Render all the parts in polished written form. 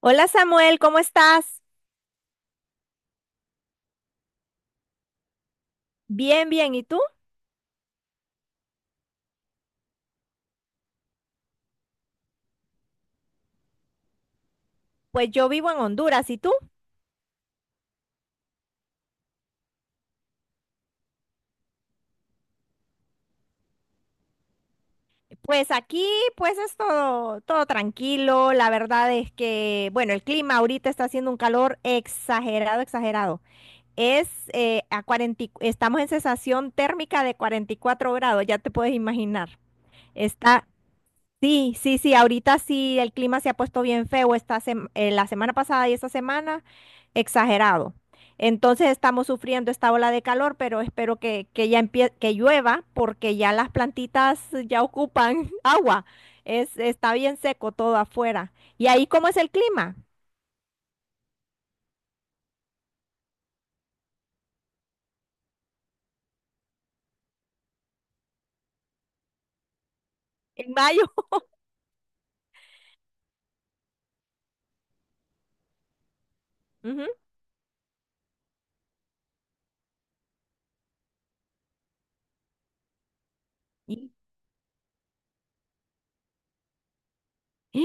Hola Samuel, ¿cómo estás? Bien, bien. ¿Y tú? Pues yo vivo en Honduras. ¿Y tú? Pues aquí, pues es todo, todo tranquilo. La verdad es que, bueno, el clima ahorita está haciendo un calor exagerado, exagerado. Es a 40, estamos en sensación térmica de 44 grados, ya te puedes imaginar. Está sí, sí, sí, ahorita sí el clima se ha puesto bien feo la semana pasada y esta semana, exagerado. Entonces estamos sufriendo esta ola de calor, pero espero que ya empie que llueva porque ya las plantitas ya ocupan agua. Es, está bien seco todo afuera. ¿Y ahí cómo es el clima? En mayo. Ujú. Y- ¡Ah!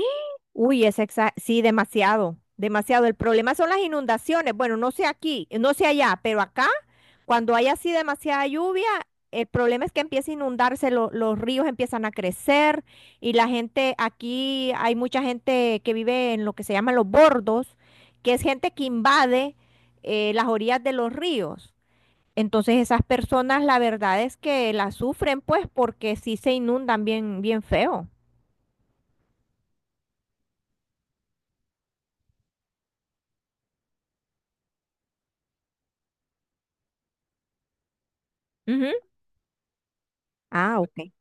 Uy, sí, demasiado, demasiado. El problema son las inundaciones. Bueno, no sé aquí, no sé allá, pero acá. Cuando hay así demasiada lluvia, el problema es que empieza a inundarse, los ríos empiezan a crecer y la gente, aquí hay mucha gente que vive en lo que se llaman los bordos, que es gente que invade las orillas de los ríos. Entonces esas personas la verdad es que las sufren pues porque sí se inundan bien, bien feo. Ujú. Ah, ok.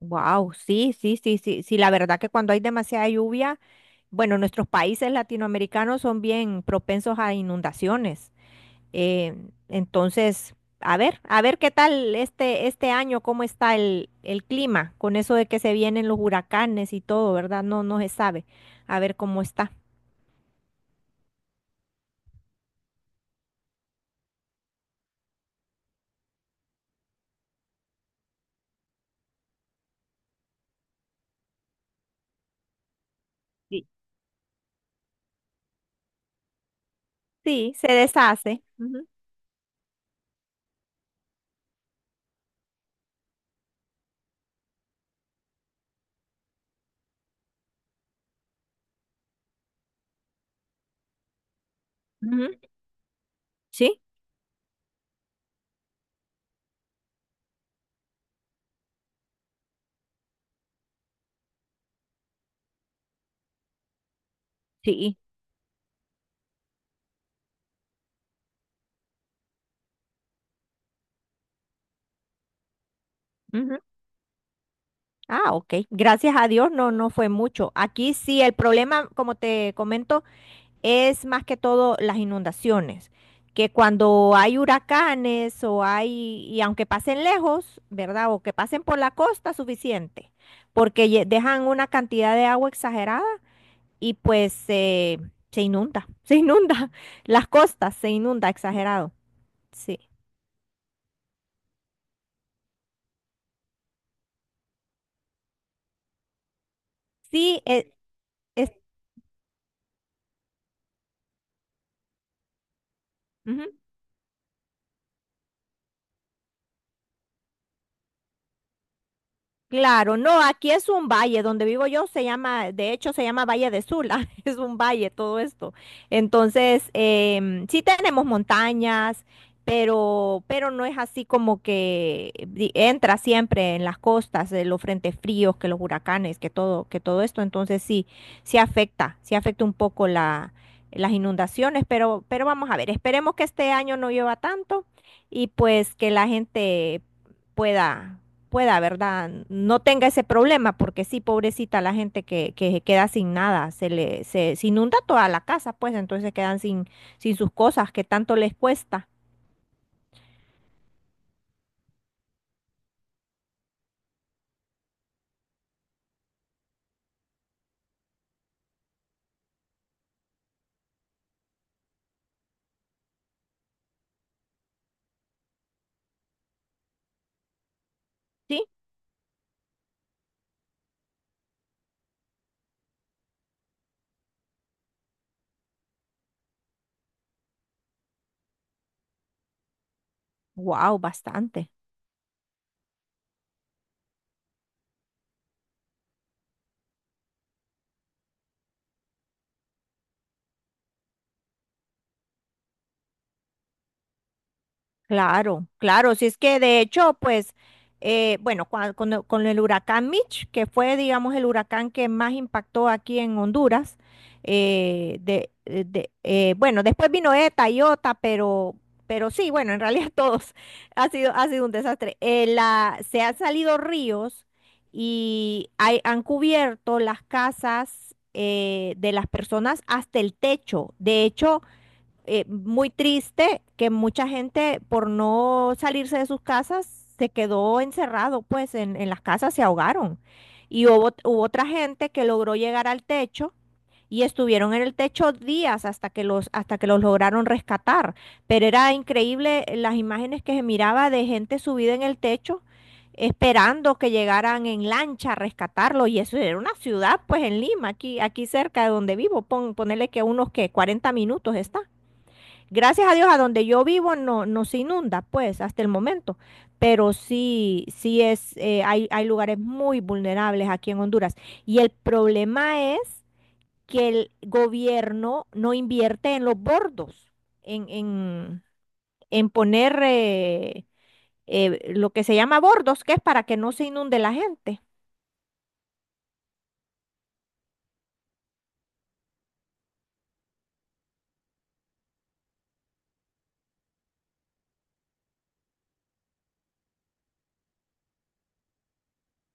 Wow, sí, sí, sí, sí, sí, la verdad que cuando hay demasiada lluvia. Bueno, nuestros países latinoamericanos son bien propensos a inundaciones. Eh, entonces, a ver qué tal este, este año, cómo está el clima, con eso de que se vienen los huracanes y todo, ¿verdad? No, no se sabe. A ver cómo está. Sí. Sí, se deshace. Ujú, ujú. Sí, sí. Ujú. Ah, ok. Gracias a Dios, no, no fue mucho. Aquí sí, el problema, como te comento, es más que todo las inundaciones, que cuando hay huracanes o hay, y aunque pasen lejos, ¿verdad? O que pasen por la costa, suficiente, porque dejan una cantidad de agua exagerada y pues se inunda, se inunda, las costas se inunda exagerado. Sí, sí, es, ujú. Claro, no, aquí es un valle, donde vivo yo se llama, de hecho se llama Valle de Sula, es un valle todo esto. Entonces, sí tenemos montañas, pero no es así como entra siempre en las costas, los frentes fríos, que los huracanes, que todo esto. Entonces sí, sí afecta un poco la, las inundaciones, pero vamos a ver, esperemos que este año no llueva tanto y pues que la gente pueda pueda, ¿verdad? No tenga ese problema, porque sí, pobrecita la gente que se queda sin nada, se inunda toda la casa, pues entonces quedan sin, sin sus cosas que tanto les cuesta. Sí, wow, bastante. Claro, claro, si es que de hecho, pues, bueno, con el huracán Mitch, que fue, digamos, el huracán que más impactó aquí en Honduras, bueno, después vino ETA y OTA, pero sí, bueno, en realidad todos ha sido un desastre. Se han salido ríos han cubierto las casas de las personas hasta el techo. De hecho, muy triste que mucha gente por no salirse de sus casas se quedó encerrado, pues en las casas se ahogaron. Y hubo, hubo otra gente que logró llegar al techo y estuvieron en el techo días hasta que los lograron rescatar. Pero era increíble las imágenes que se miraba de gente subida en el techo esperando que llegaran en lancha a rescatarlo y eso era una ciudad pues en Lima, aquí, aquí cerca de donde vivo, ponerle que unos que 40 minutos está. Gracias a Dios, a donde yo vivo no, no se inunda, pues, hasta el momento. Pero sí, sí es, hay, hay lugares muy vulnerables aquí en Honduras. Y el problema es que el gobierno no invierte en los bordos, en, en, en poner lo que se llama bordos, que es para que no se inunde la gente.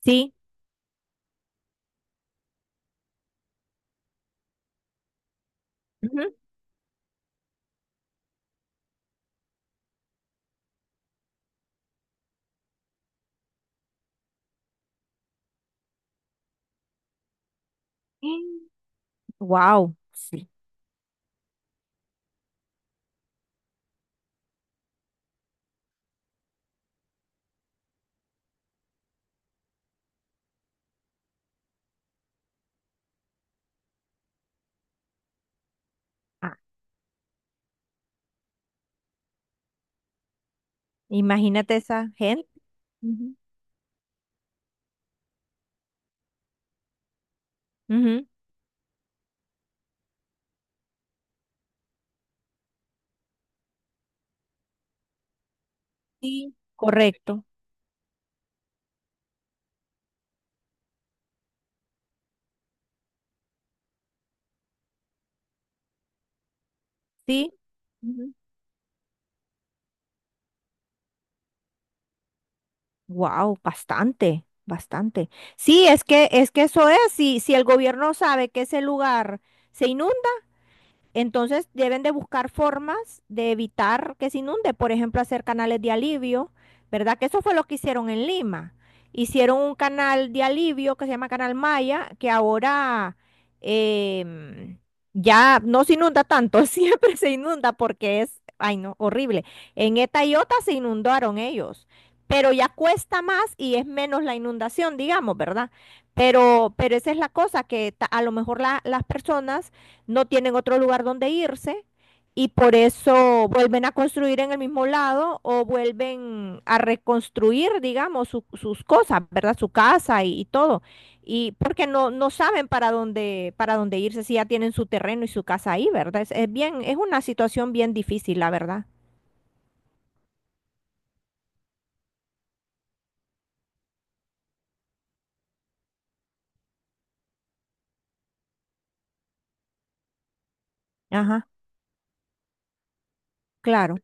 Sí. Wow. Sí. Ah, imagínate esa gente. Ujú. Ujú, sí, correcto. Sí. Wow, bastante, bastante. Sí, es que eso es, si el gobierno sabe que ese lugar se inunda, entonces deben de buscar formas de evitar que se inunde, por ejemplo, hacer canales de alivio, ¿verdad? Que eso fue lo que hicieron en Lima. Hicieron un canal de alivio que se llama Canal Maya, que ahora em, ya no se inunda tanto, siempre se inunda porque es, ay no, horrible. En Eta y Ota se inundaron ellos, pero ya cuesta más y es menos la inundación, digamos, ¿verdad? Pero esa es la cosa, a lo mejor las personas no tienen otro lugar donde irse y por eso vuelven a construir en el mismo lado o vuelven a reconstruir, digamos, sus cosas, ¿verdad? Su casa y todo. Y porque no, no saben para dónde irse si ya tienen su terreno y su casa ahí, ¿verdad? Es bien, es una situación bien difícil, la verdad. Ajá, claro.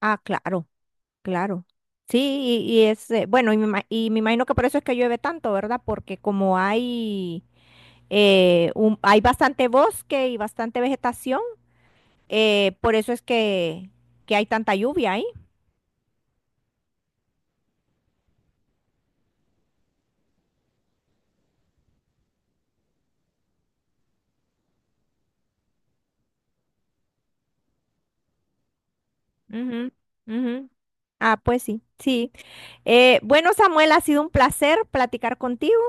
Ah, claro, claro. Sí, y es, bueno, y me imagino que por eso es que llueve tanto, ¿verdad? Porque como hay hay bastante bosque y bastante vegetación, por eso es que hay tanta lluvia ahí. Ujú, ujú. Ah, pues sí, sí. Bueno, Samuel, ha sido un placer platicar contigo.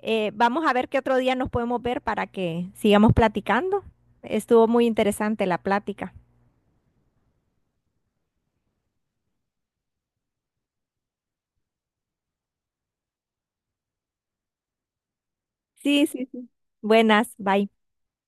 Vamos a ver qué otro día nos podemos ver para que sigamos platicando. Estuvo muy interesante la plática. Sí, sí, sí. Buenas, bye.